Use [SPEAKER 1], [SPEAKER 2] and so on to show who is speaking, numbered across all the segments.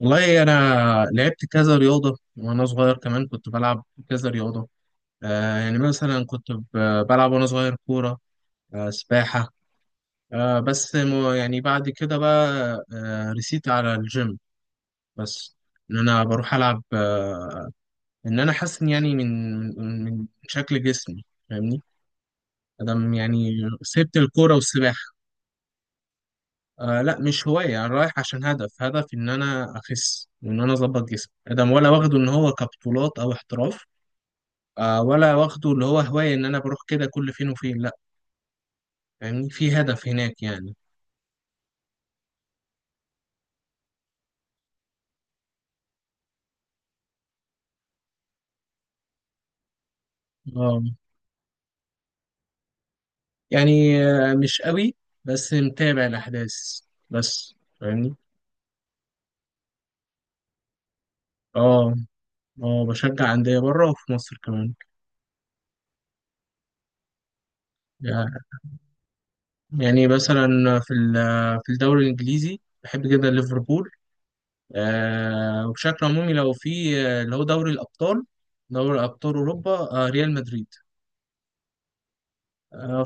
[SPEAKER 1] والله أنا لعبت كذا رياضة وأنا صغير كمان كنت بلعب كذا رياضة. يعني مثلا كنت بلعب وأنا صغير كورة، سباحة. بس يعني بعد كده بقى رسيت على الجيم، بس إن أنا بروح ألعب إن أنا حاسس إن يعني من شكل جسمي، فاهمني؟ أدم يعني سبت الكورة والسباحة. آه، لا، مش هواية، أنا رايح عشان هدف، هدف إن أنا أخس وإن أنا أظبط جسمي أدم، ولا واخده إن هو كبطولات أو احتراف. ولا واخده اللي هو هواية إن أنا بروح كده كل فين وفين، لأ. يعني في هدف هناك يعني. آه يعني مش قوي، بس متابع الأحداث، بس فاهمني. آه، آه، بشجع أندية بره وفي مصر كمان. يعني يعني مثلا، في الدوري الإنجليزي بحب جدا ليفربول. وبشكل عمومي لو في اللي هو دوري الأبطال، دوري أبطال أوروبا ريال مدريد. آه،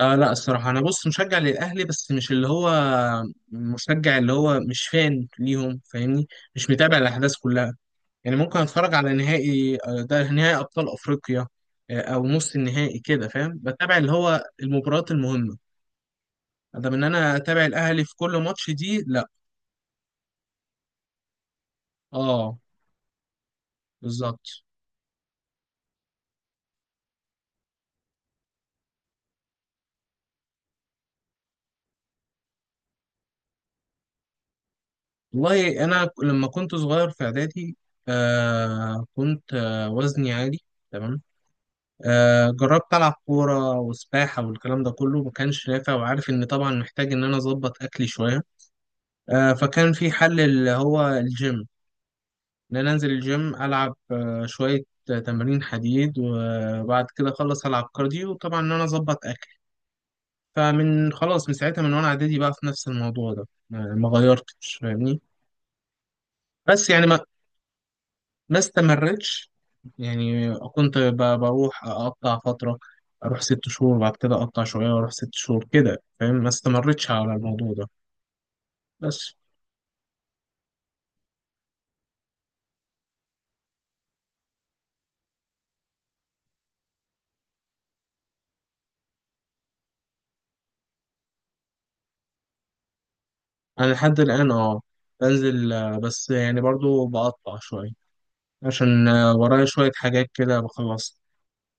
[SPEAKER 1] آه، لا، الصراحة أنا بص مشجع للأهلي، بس مش اللي هو مشجع، اللي هو مش فان ليهم، فاهمني، مش متابع الأحداث كلها. يعني ممكن أتفرج على نهائي، ده نهائي أبطال أفريقيا، أو نص النهائي كده، فاهم، بتابع اللي هو المباريات المهمة، أدم إن أنا أتابع الأهلي في كل ماتش دي، لا. آه، بالظبط. والله أنا لما كنت صغير في إعدادي كنت وزني عالي. تمام. جربت ألعب كورة وسباحة والكلام ده كله، ما كانش نافع، وعارف إن طبعا محتاج إن أنا أظبط أكلي شوية. فكان في حل اللي هو الجيم، إن أنا أنزل الجيم ألعب شوية تمارين حديد، وبعد كده أخلص ألعب كارديو، وطبعا إن أنا أظبط أكلي. فمن خلاص من ساعتها، من وأنا إعدادي بقى في نفس الموضوع ده ما غيرتش، فاهمني. بس يعني ما استمرتش. يعني كنت بروح اقطع فتره، اروح 6 شهور بعد كده اقطع شويه، واروح 6 شهور كده، فاهم، ما استمرتش على الموضوع ده. بس انا لحد الان بنزل، بس يعني برضو بقطع شويه عشان ورايا شويه حاجات كده بخلصها.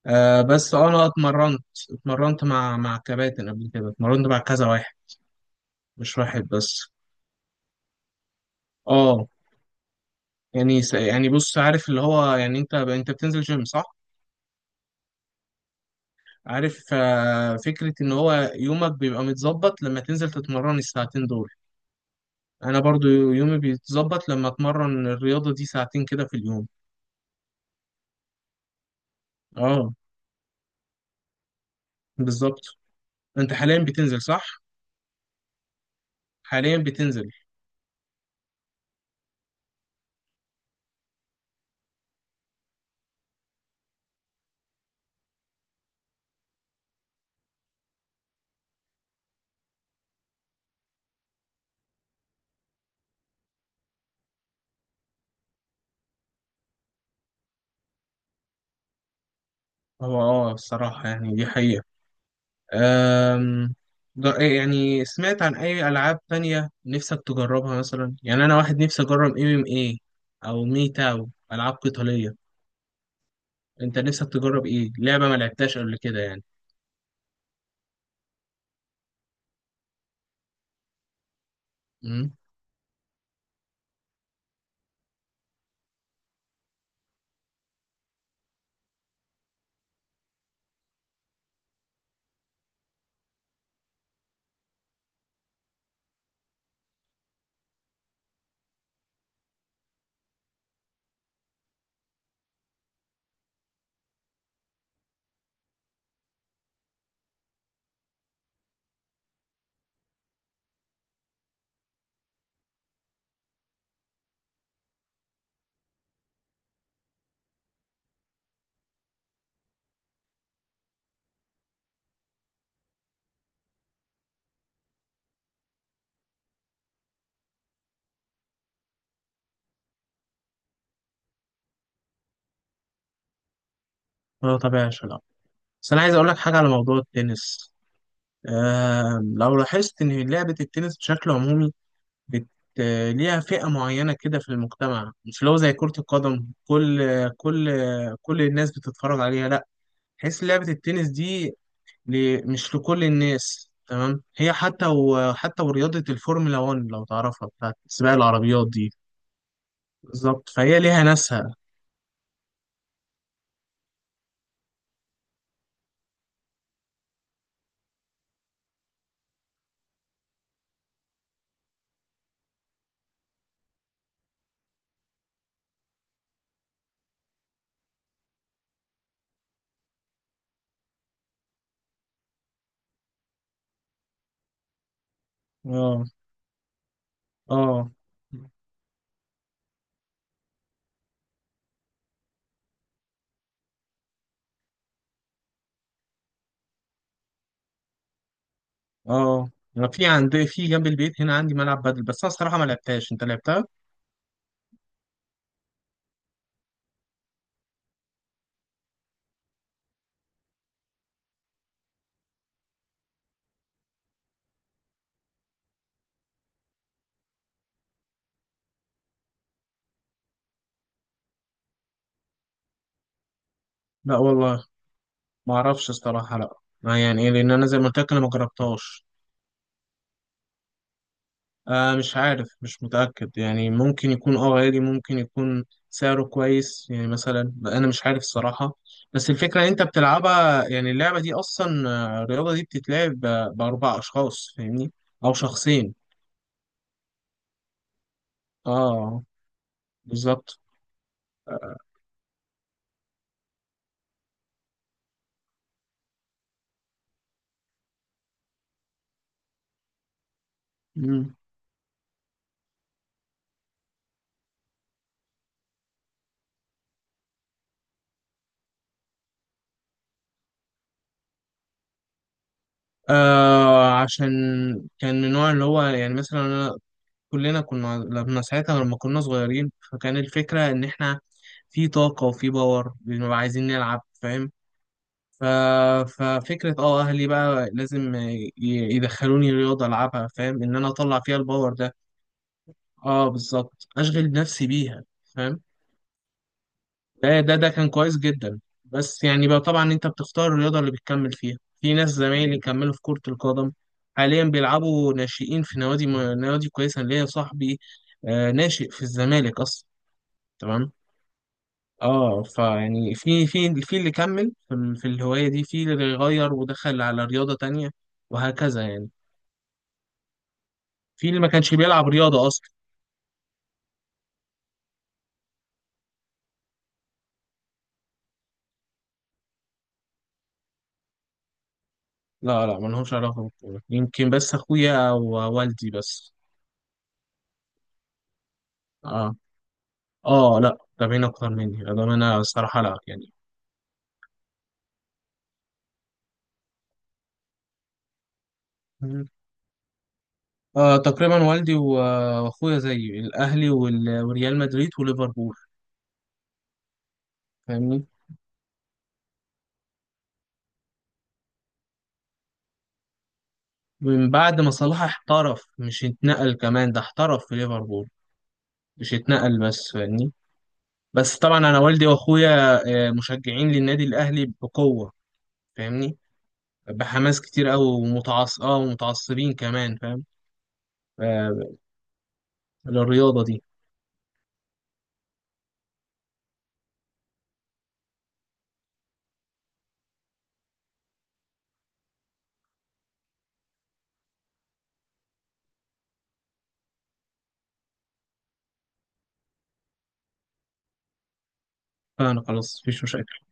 [SPEAKER 1] آه بس آه، انا اتمرنت، اتمرنت مع كباتن، قبل كده اتمرنت مع كذا واحد، مش واحد بس. اه، يعني يعني بص، عارف اللي هو، يعني انت بتنزل جيم، صح؟ عارف فكرة إن هو يومك بيبقى متظبط لما تنزل تتمرن الساعتين دول، أنا برضو يومي بيتظبط لما أتمرن الرياضة دي ساعتين كده في اليوم. آه، بالظبط. أنت حاليا بتنزل، صح؟ حاليا بتنزل. هو الصراحة يعني دي حقيقة. أم... يعني سمعت عن أي ألعاب تانية نفسك تجربها، مثلا يعني أنا واحد نفسي أجرب ام ام ايه، أو مي تاو، ألعاب قتالية. أنت نفسك تجرب إيه؟ لعبة ما لعبتهاش قبل كده يعني. مم. اه، طبعا، بس أنا عايز أقول لك حاجة على موضوع التنس. لو لاحظت إن لعبة التنس بشكل عمومي بت... ليها فئة معينة كده في المجتمع، مش لو زي كرة القدم كل كل الناس بتتفرج عليها، لا، تحس لعبة التنس دي مش لكل الناس، تمام، هي حتى حتى ورياضة الفورمولا 1 لو تعرفها، بتاعت سباق العربيات دي، بالظبط، فهي ليها ناسها. اه، اه، اه. انا في عندي في جنب البيت هنا، عندي ملعب بدل، بس انا الصراحه ما لعبتهاش، انت لعبتها؟ لا والله، ما اعرفش الصراحه، لا، ما يعني ايه، لان انا زي ما قلت لك، انا ما جربتهاش. مش عارف، مش متاكد، يعني ممكن يكون غالي، ممكن يكون سعره كويس يعني، مثلا انا مش عارف الصراحه، بس الفكره إن انت بتلعبها، يعني اللعبه دي اصلا الرياضه دي بتتلعب باربع اشخاص، فاهمني، او شخصين. اه، بالظبط. آه. مم. عشان كان من النوع اللي هو يعني، مثلا أنا كلنا كنا لما ساعتها لما كنا صغيرين، فكان الفكرة إن إحنا في طاقة وفي باور، بنبقى عايزين نلعب، فاهم. ف... ففكرة أهلي بقى لازم يدخلوني رياضة ألعبها، فاهم إن أنا أطلع فيها الباور ده. اه، بالظبط، أشغل نفسي بيها، فاهم. ده كان كويس جدا، بس يعني بقى طبعا انت بتختار الرياضة اللي بتكمل فيها، في ناس زمايلي كملوا في كرة القدم، حاليا بيلعبوا ناشئين في نوادي، نوادي كويسة، ليا صاحبي ناشئ في الزمالك اصلا. تمام. اه فيعني في اللي كمل في، في الهواية دي، في اللي غير ودخل على رياضة تانية، وهكذا يعني. في اللي ما كانش بيلعب رياضة اصلا. لا، لا، ما لهمش علاقة بالكورة، يمكن بس اخويا او والدي بس. اه، اه، لا، تابعين اكتر مني ده، انا الصراحه لا يعني. مم. تقريبا والدي واخويا زيي، الاهلي وريال مدريد وليفربول، فاهمني. من بعد ما صلاح احترف، مش اتنقل، كمان ده احترف في ليفربول، مش اتنقل بس، فاهمني. بس طبعا انا والدي واخويا مشجعين للنادي الاهلي بقوه، فاهمني، بحماس كتير قوي ومتعصبين كمان، فاهم، آه للرياضه دي. فانا خلاص، مفيش مشاكل.